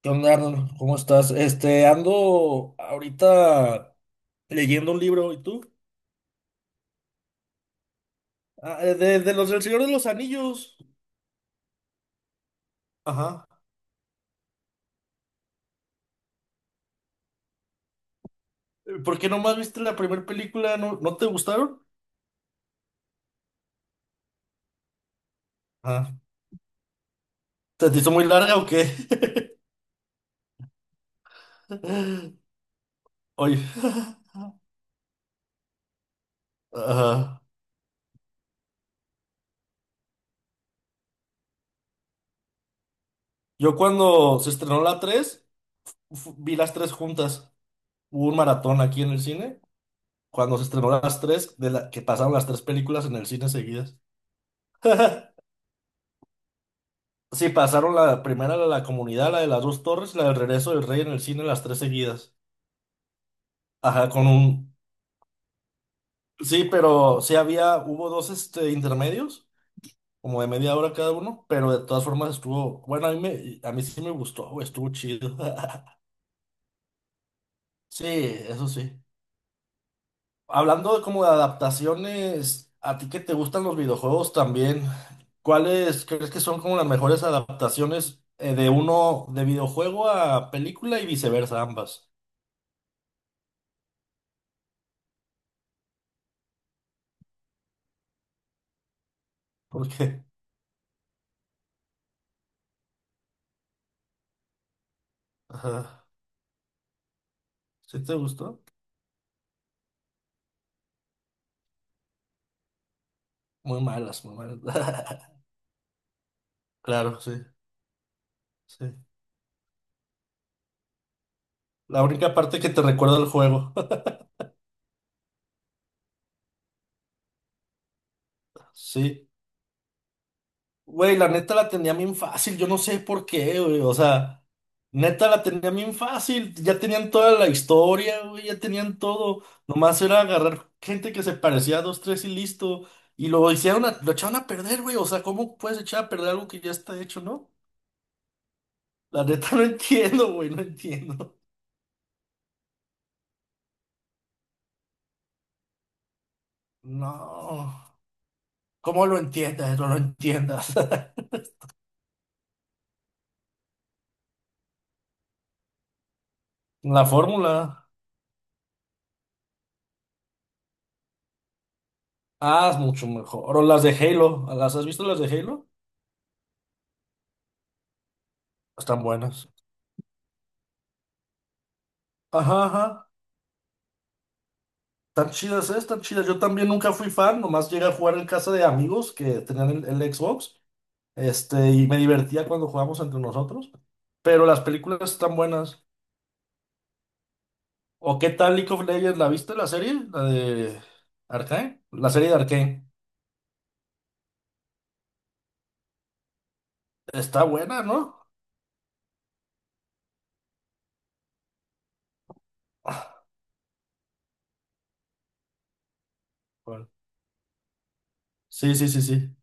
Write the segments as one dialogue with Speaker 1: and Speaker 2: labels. Speaker 1: ¿Qué onda, Arnold? ¿Cómo estás? Ando ahorita leyendo un libro, ¿y tú? Ah, de los del Señor de los Anillos. Ajá. ¿Por qué nomás viste la primera película? ¿No, no te gustaron? Ajá. ¿Se te hizo muy larga o qué? Oye, ajá. Yo cuando se estrenó la tres, vi las tres juntas. Hubo un maratón aquí en el cine. Cuando se estrenó las tres, que pasaron las tres películas en el cine seguidas. Sí, pasaron la primera, la de la comunidad, la de las dos torres, la del regreso del rey en el cine, las tres seguidas. Ajá, con un. Sí, pero sí había, hubo dos intermedios, como de media hora cada uno, pero de todas formas estuvo, bueno, a mí sí me gustó, güey, estuvo chido. Sí, eso sí. Hablando de como de adaptaciones, a ti que te gustan los videojuegos también, ¿cuáles crees que son como las mejores adaptaciones, de videojuego a película y viceversa, ambas? Porque. Ajá. ¿Sí te gustó? Muy malas, muy malas. Claro, sí, sí. La única parte que te recuerda el juego. Sí. Güey, la neta la tenía bien fácil, yo no sé por qué, güey. O sea, neta la tenía bien fácil. Ya tenían toda la historia, güey, ya tenían todo. Nomás era agarrar gente que se parecía a dos, tres y listo. Y lo hicieron, lo echaron a perder, güey. O sea, ¿cómo puedes echar a perder algo que ya está hecho, no? La neta no entiendo, güey, no entiendo. No. ¿Cómo lo entiendas? No lo entiendas. La fórmula. Ah, es mucho mejor. O las de Halo. ¿Las has visto las de Halo? Están buenas. Ajá, ajá. Tan chidas, ¿eh? Están chidas. Yo también nunca fui fan. Nomás llegué a jugar en casa de amigos que tenían el Xbox. Y me divertía cuando jugábamos entre nosotros. Pero las películas están buenas. ¿O qué tal League of Legends? ¿La viste la serie? ¿La de Arcane? La serie de Arcane. Está buena, ¿no? Bueno, sí, sí, sí, sí.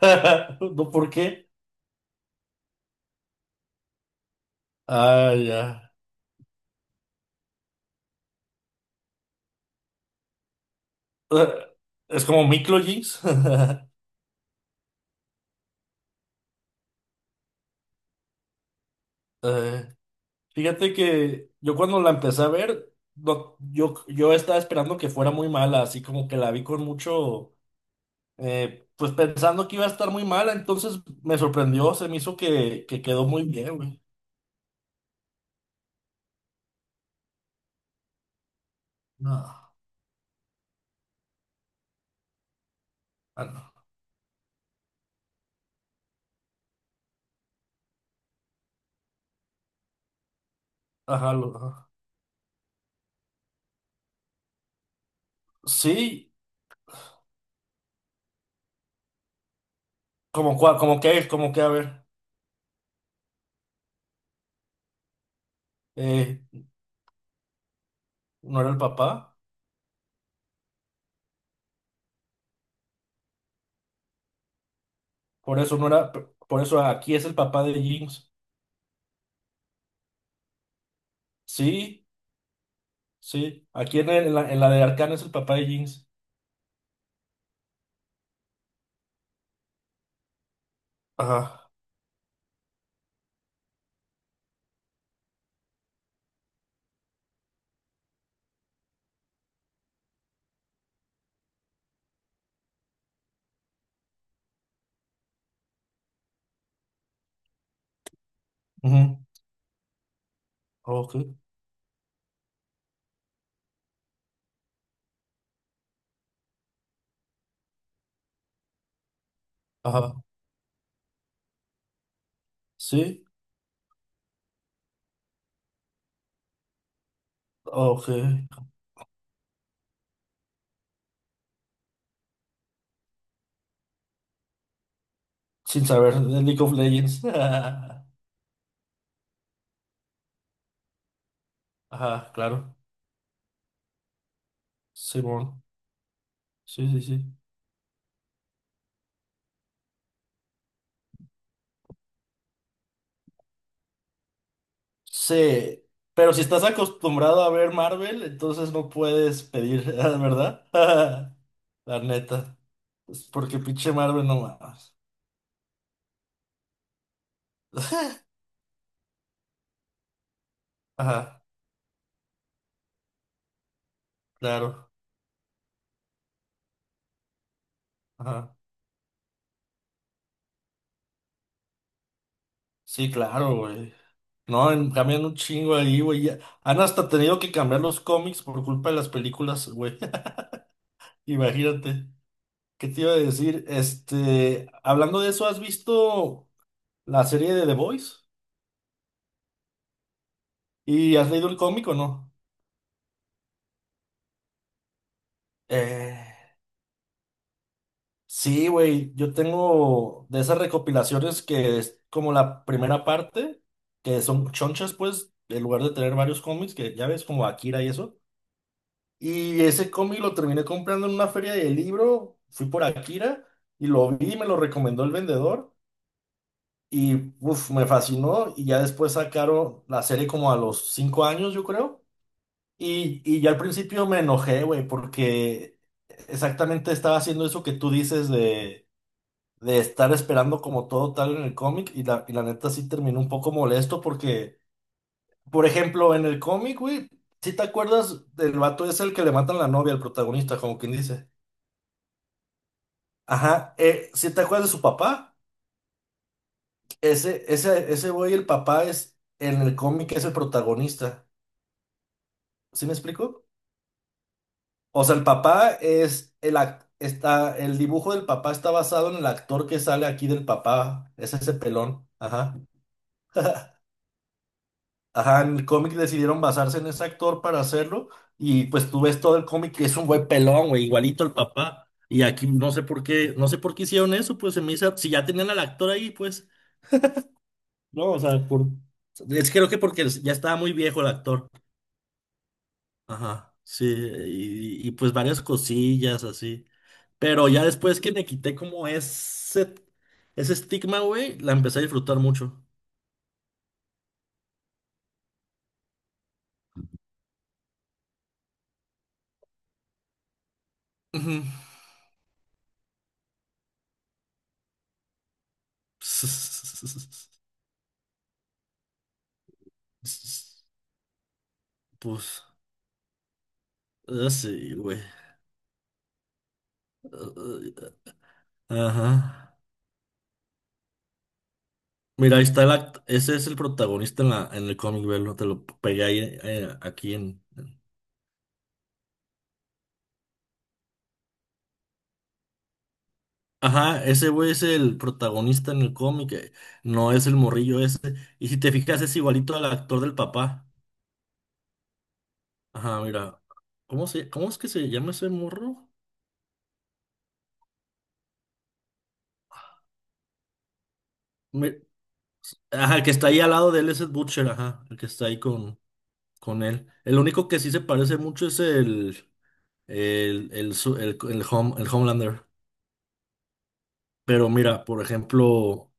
Speaker 1: No, ¿por qué? Ah, ya. Eh, Es como microjinx. Eh, Fíjate que yo cuando la empecé a ver, yo estaba esperando que fuera muy mala, así como que la vi con mucho, pues pensando que iba a estar muy mala, entonces me sorprendió, se me hizo que quedó muy bien, güey. No, ah, no. Ajá, ajá. Sí, como, como que, a ver, eh, no era el papá, por eso no era, por eso aquí es el papá de Jinx. Sí. Sí, aquí en la de Arcana es el papá de Jinx. Ajá. Ujú. Ok. Ajá. Sí. Ok. Sin saber de League of Legends. Ajá, claro. Simón. Sí, sí, sí. Sí. Pero si estás acostumbrado a ver Marvel, entonces no puedes pedir, ¿verdad? La neta. Es porque pinche Marvel no más. Ajá, claro. Ajá. Sí, claro, güey. No, cambian un chingo ahí, güey. Han hasta tenido que cambiar los cómics por culpa de las películas, güey. Imagínate. ¿Qué te iba a decir? Hablando de eso, ¿has visto la serie de The Voice? ¿Y has leído el cómic o no? Eh, sí, güey. Yo tengo de esas recopilaciones que es como la primera parte, que son chonchas, pues, en lugar de tener varios cómics, que ya ves, como Akira y eso. Y ese cómic lo terminé comprando en una feria de libro, fui por Akira y lo vi, me lo recomendó el vendedor y uf, me fascinó y ya después sacaron la serie como a los 5 años, yo creo. Y ya al principio me enojé, güey, porque exactamente estaba haciendo eso que tú dices de, estar esperando como todo tal en el cómic y la neta sí terminó un poco molesto porque, por ejemplo, en el cómic, güey, si te acuerdas del vato es el que le matan la novia al protagonista, ¿como quien dice? Ajá, ¿si te acuerdas de su papá? Ese güey, el papá es, en el cómic es el protagonista. ¿Sí me explico? O sea, el papá es el dibujo del papá está basado en el actor que sale aquí del papá. Es ese pelón. Ajá. Ajá, en el cómic decidieron basarse en ese actor para hacerlo. Y pues tú ves todo el cómic que es un güey pelón, güey, igualito al papá. Y aquí no sé por qué hicieron eso, pues se me hizo, si ya tenían al actor ahí, pues. No, o sea, por. Es que creo que porque ya estaba muy viejo el actor. Ajá, sí, y pues varias cosillas así. Pero ya después que me quité como ese estigma, güey, la empecé a disfrutar mucho. Ujú. Pues, así, güey. Ajá. Mira, ahí está ese es el protagonista en la, en el cómic, velo. Te lo pegué ahí, aquí en. Ajá, ese güey es el protagonista en el cómic, no es el morrillo ese. Y si te fijas, es igualito al actor del papá. Ajá, mira. Cómo es que se llama ese morro? Me- ajá, el que está ahí al lado de él es el Butcher, ajá, el que está ahí con él. El único que sí se parece mucho es el, su- el Hom- el Homelander. Pero mira, por ejemplo,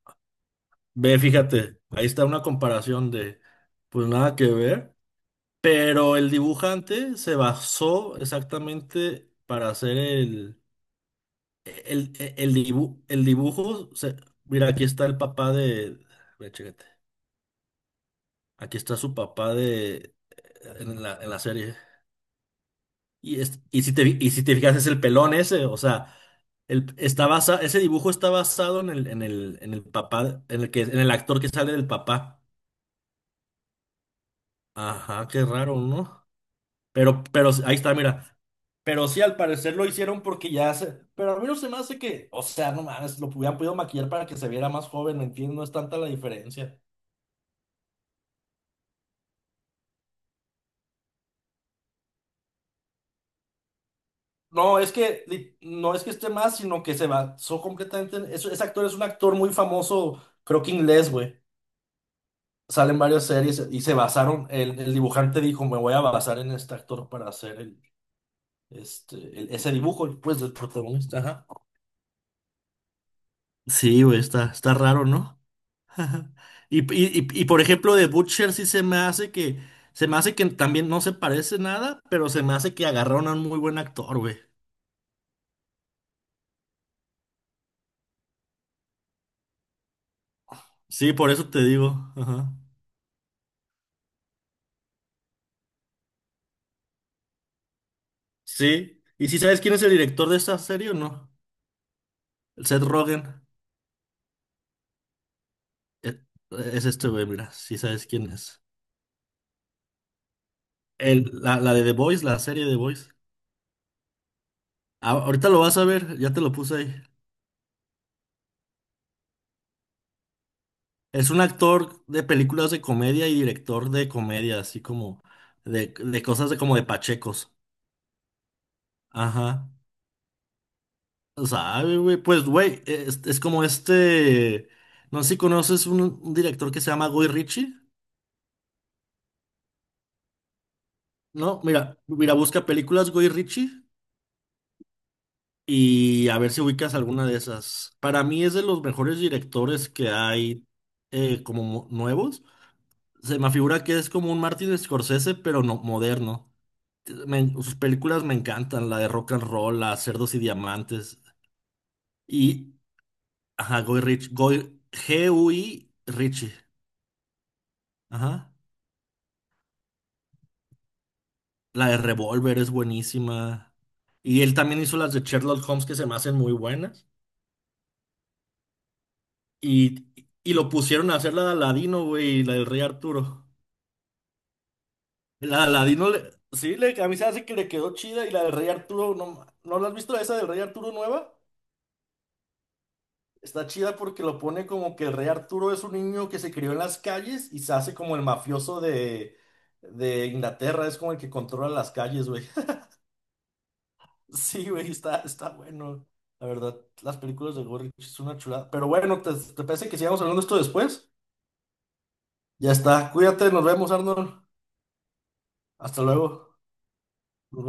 Speaker 1: ve, fíjate, ahí está una comparación de, pues nada que ver. Pero el dibujante se basó exactamente para hacer el dibujo. Mira, aquí está el papá de. Ve, chécate. Aquí está su papá de. En la, serie. Y si te fijas, es el pelón ese. O sea, ese dibujo está basado en el, en el, en el papá, en el actor que sale del papá. Ajá, qué raro, ¿no? Pero ahí está, mira. Pero sí, al parecer lo hicieron porque ya se. Pero a mí no se me hace que. O sea, no mames, lo hubieran podido maquillar para que se viera más joven, entiendo, no es tanta la diferencia. No, es que no es que esté más, sino que se basó completamente en. Ese actor es un actor muy famoso, creo que inglés, güey. Salen varias series y se basaron. El dibujante dijo: Me voy a basar en este actor para hacer ese dibujo, pues, del protagonista. Ajá. Sí, güey, está raro, ¿no? Ajá. Y, por ejemplo, de Butcher sí se me hace que, también no se parece nada, pero se me hace que agarraron a un muy buen actor, güey. Sí, por eso te digo. Ajá. Sí. ¿Y si sabes quién es el director de esta serie o no? El Seth Rogen. Eh, Es este güey, mira, si sabes quién es. La de The Voice, la serie de The Voice. Ahorita lo vas a ver, ya te lo puse ahí. Es un actor de películas de comedia y director de comedia, así como de cosas como de pachecos. Ajá. No. ¿Sabe, güey? Pues, güey, es como este. No sé si conoces un director que se llama Guy Ritchie. No, mira, mira, busca películas Guy Ritchie y a ver si ubicas alguna de esas. Para mí es de los mejores directores que hay, como nuevos. Se me figura que es como un Martin Scorsese, pero no moderno. Sus películas me encantan, la de Rock and Roll, la Cerdos y Diamantes. Y, ajá, Guy Ritchie, Guy, GUI Ritchie. Ajá. La de Revolver es buenísima. Y él también hizo las de Sherlock Holmes que se me hacen muy buenas. Y, y lo pusieron a hacer la de Aladino, güey, y la del Rey Arturo. La de Aladino, sí, a mí se hace que le quedó chida. Y la del Rey Arturo, ¿no, no la has visto esa del Rey Arturo nueva? Está chida porque lo pone como que el Rey Arturo es un niño que se crió en las calles y se hace como el mafioso de, Inglaterra. Es como el que controla las calles, güey. Sí, güey, está bueno. La verdad, las películas de Gorrich es una chulada. Pero bueno, ¿te parece que sigamos hablando de esto después? Ya está. Cuídate, nos vemos, Arnold. Hasta luego. Nos vemos.